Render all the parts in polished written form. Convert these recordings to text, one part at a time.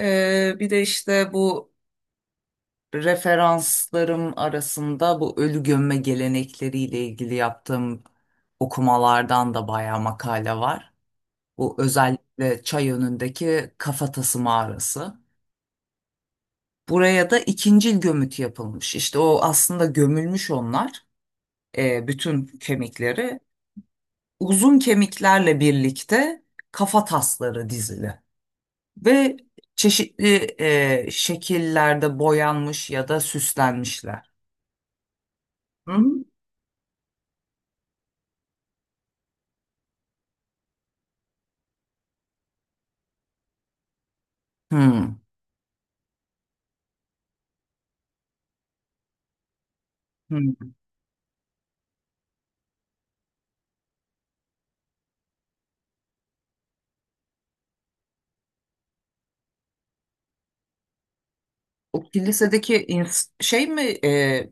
Bir de işte bu referanslarım arasında bu ölü gömme gelenekleriyle ilgili yaptığım okumalardan da bayağı makale var. Bu özellikle çay önündeki kafatası mağarası. Buraya da ikincil gömüt yapılmış. İşte o aslında gömülmüş onlar, bütün kemikleri. Uzun kemiklerle birlikte kafa tasları dizili. Ve çeşitli şekillerde boyanmış ya da süslenmişler. Hı? Hı. Hı. O kilisedeki şey mi,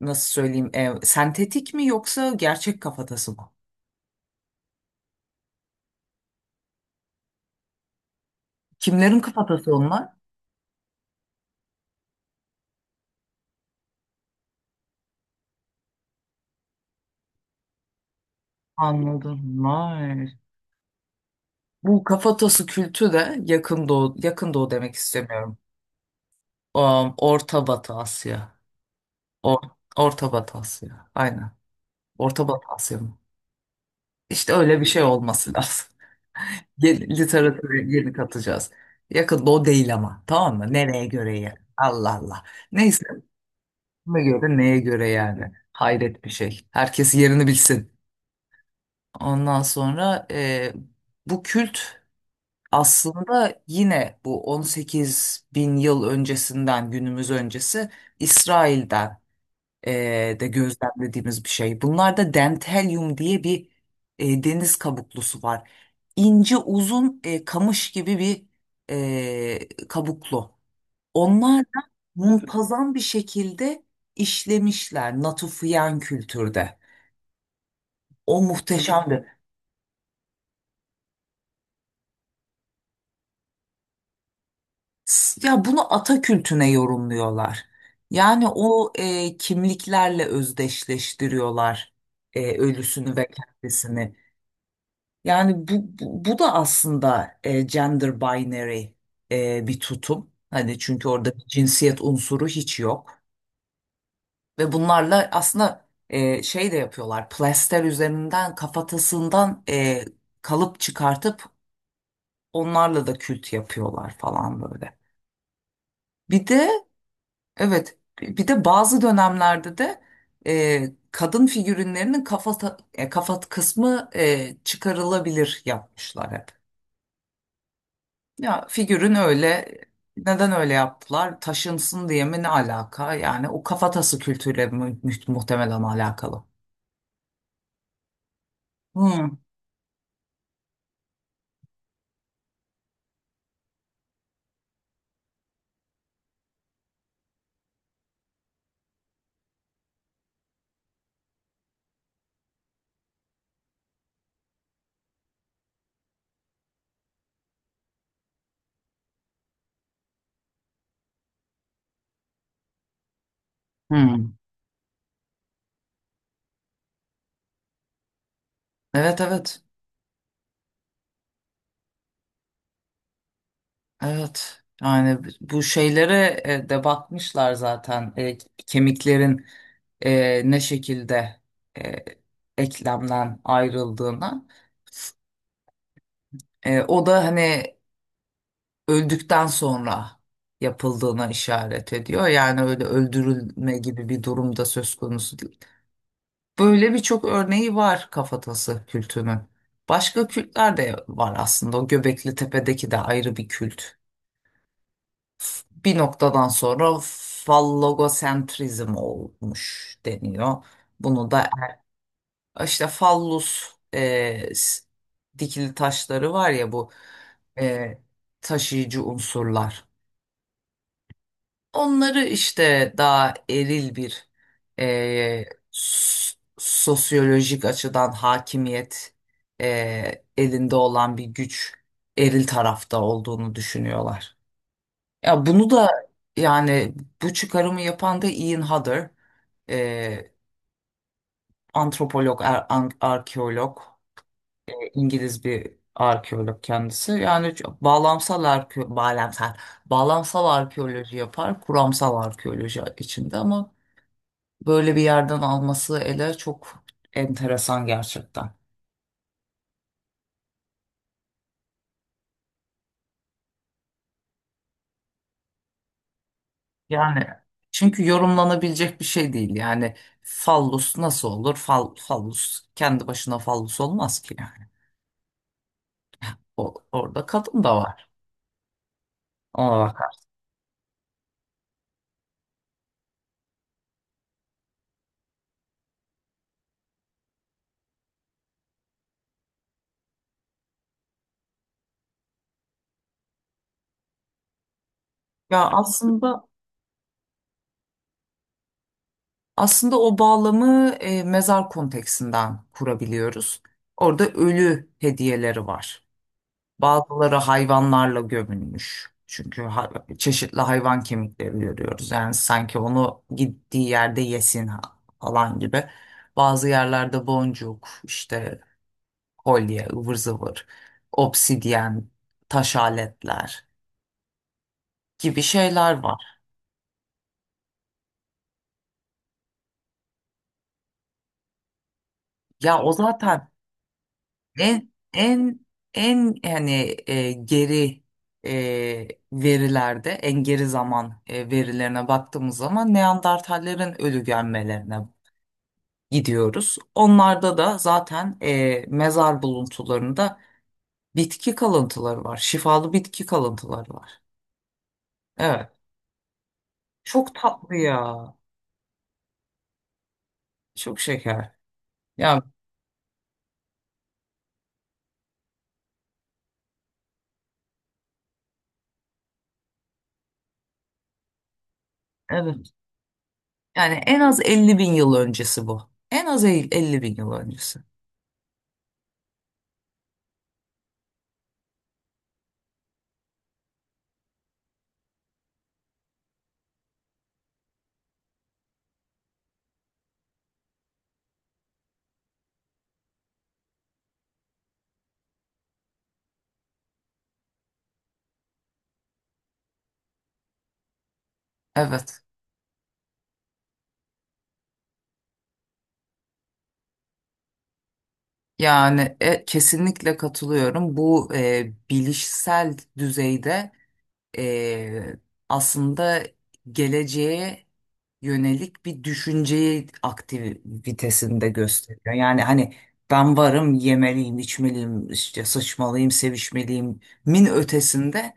nasıl söyleyeyim, sentetik mi yoksa gerçek kafatası mı? Kimlerin kafatası onlar? Anladım. Vay. Bu kafatası kültü de yakın doğu, yakın doğu demek istemiyorum. Orta Batı Asya. Or, Orta Batı Asya. Aynen. Orta Batı Asya mı? İşte öyle bir şey olması lazım. Yeni, literatüre yeni katacağız. Yakın doğu değil ama. Tamam mı? Nereye göre ya? Allah Allah. Neyse. Kime göre neye göre yani? Hayret bir şey. Herkes yerini bilsin. Ondan sonra bu kült aslında yine bu 18 bin yıl öncesinden günümüz öncesi İsrail'den e, de gözlemlediğimiz bir şey. Bunlarda dentelyum diye bir deniz kabuklusu var. İnce uzun, kamış gibi bir kabuklu. Onlar da muntazam bir şekilde işlemişler Natufian kültürde. O muhteşemdi. Ya bunu ata kültüne yorumluyorlar. Yani o kimliklerle özdeşleştiriyorlar, ölüsünü ve kendisini. Yani bu da aslında gender binary, bir tutum. Hani çünkü orada bir cinsiyet unsuru hiç yok. Ve bunlarla aslında şey de yapıyorlar. Plaster üzerinden kafatasından kalıp çıkartıp onlarla da kült yapıyorlar falan böyle. Bir de, evet, bir de bazı dönemlerde de kadın figürinlerinin kafa kısmı çıkarılabilir yapmışlar hep. Ya figürün öyle, neden öyle yaptılar? Taşınsın diye mi, ne alaka? Yani o kafatası kültürüyle muhtemelen alakalı. Hmm. Hmm. Evet evet evet, yani bu şeylere de bakmışlar zaten. Kemiklerin ne şekilde e, eklemden ayrıldığına, o da hani öldükten sonra yapıldığına işaret ediyor, yani öyle öldürülme gibi bir durumda söz konusu değil. Böyle birçok örneği var kafatası kültünün. Başka kültler de var aslında, o Göbekli Tepe'deki de ayrı bir kült. Bir noktadan sonra fallogosentrizm olmuş deniyor. Bunu da işte fallus, dikili taşları var ya bu, e, taşıyıcı unsurlar. Onları işte daha eril bir, e, s- sosyolojik açıdan hakimiyet elinde olan bir güç, eril tarafta olduğunu düşünüyorlar. Ya bunu da, yani bu çıkarımı yapan da Ian Hodder, e, antropolog, arkeolog, İngiliz bir arkeolog kendisi. Yani çok bağlamsal arkeoloji yapar, kuramsal arkeoloji içinde ama böyle bir yerden alması ele çok enteresan gerçekten. Yani çünkü yorumlanabilecek bir şey değil. Yani fallus nasıl olur? Fal, fallus kendi başına fallus olmaz ki. Orada kadın da var. Ona bak. Ya, aslında o bağlamı mezar konteksinden kurabiliyoruz. Orada ölü hediyeleri var. Bazıları hayvanlarla gömülmüş. Çünkü çeşitli hayvan kemikleri görüyoruz. Yani sanki onu gittiği yerde yesin falan gibi. Bazı yerlerde boncuk, işte kolye, ıvır zıvır, obsidyen, taş aletler gibi şeyler var. Ya o zaten En en en, yani geri verilerde, en geri zaman verilerine baktığımız zaman Neandertallerin ölü gömmelerine gidiyoruz. Onlarda da zaten mezar buluntularında bitki kalıntıları var. Şifalı bitki kalıntıları var. Evet. Çok tatlı ya. Çok şeker. Ya evet. Yani en az 50 bin yıl öncesi bu. En az 50 bin yıl öncesi. Evet. Yani kesinlikle katılıyorum. Bu bilişsel düzeyde, e, aslında geleceğe yönelik bir düşünceyi aktivitesinde gösteriyor. Yani hani ben varım, yemeliyim, içmeliyim, işte sıçmalıyım, sevişmeliyim min ötesinde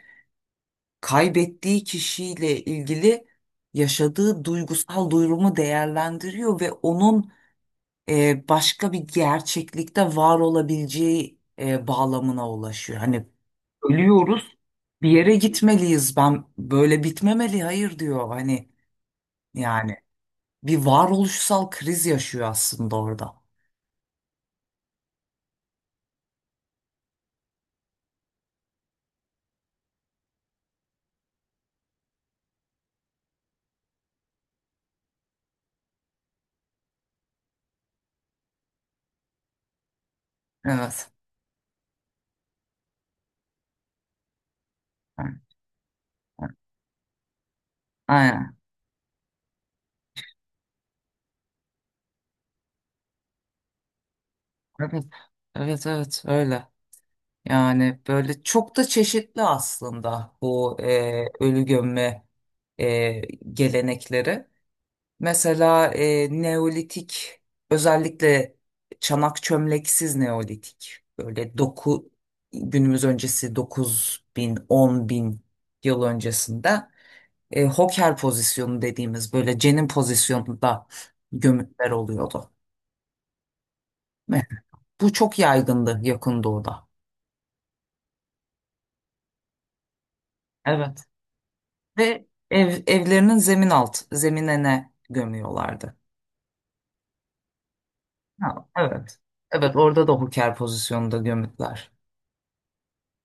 kaybettiği kişiyle ilgili yaşadığı duygusal durumu değerlendiriyor ve onun başka bir gerçeklikte var olabileceği bağlamına ulaşıyor. Hani ölüyoruz, bir yere gitmeliyiz. Ben böyle bitmemeli, hayır diyor. Hani yani bir varoluşsal kriz yaşıyor aslında orada. Evet. Aynen. Evet. Evet evet öyle. Yani böyle çok da çeşitli aslında bu ölü gömme e, gelenekleri. Mesela Neolitik, özellikle çanak çömleksiz Neolitik, böyle doku günümüz öncesi 9.000 10.000 yıl öncesinde hoker pozisyonu dediğimiz böyle cenin pozisyonunda gömütler oluyordu. Ve bu çok yaygındı Yakın Doğu'da. Evet. Ve evlerinin zeminine gömüyorlardı. Ha, evet. Evet, orada da hoker pozisyonunda gömütler.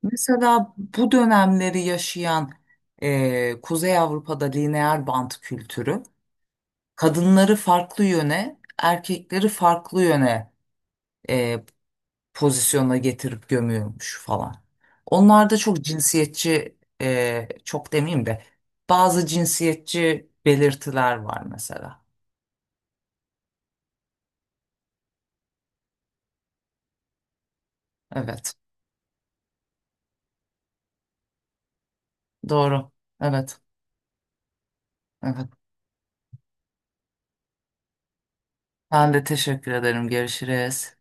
Mesela bu dönemleri yaşayan, Kuzey Avrupa'da lineer bant kültürü kadınları farklı yöne, erkekleri farklı yöne eee, pozisyona getirip gömüyormuş falan. Onlar da çok cinsiyetçi, çok demeyeyim de bazı cinsiyetçi belirtiler var mesela. Evet, doğru. Evet, evet. Ben de teşekkür ederim. Görüşürüz.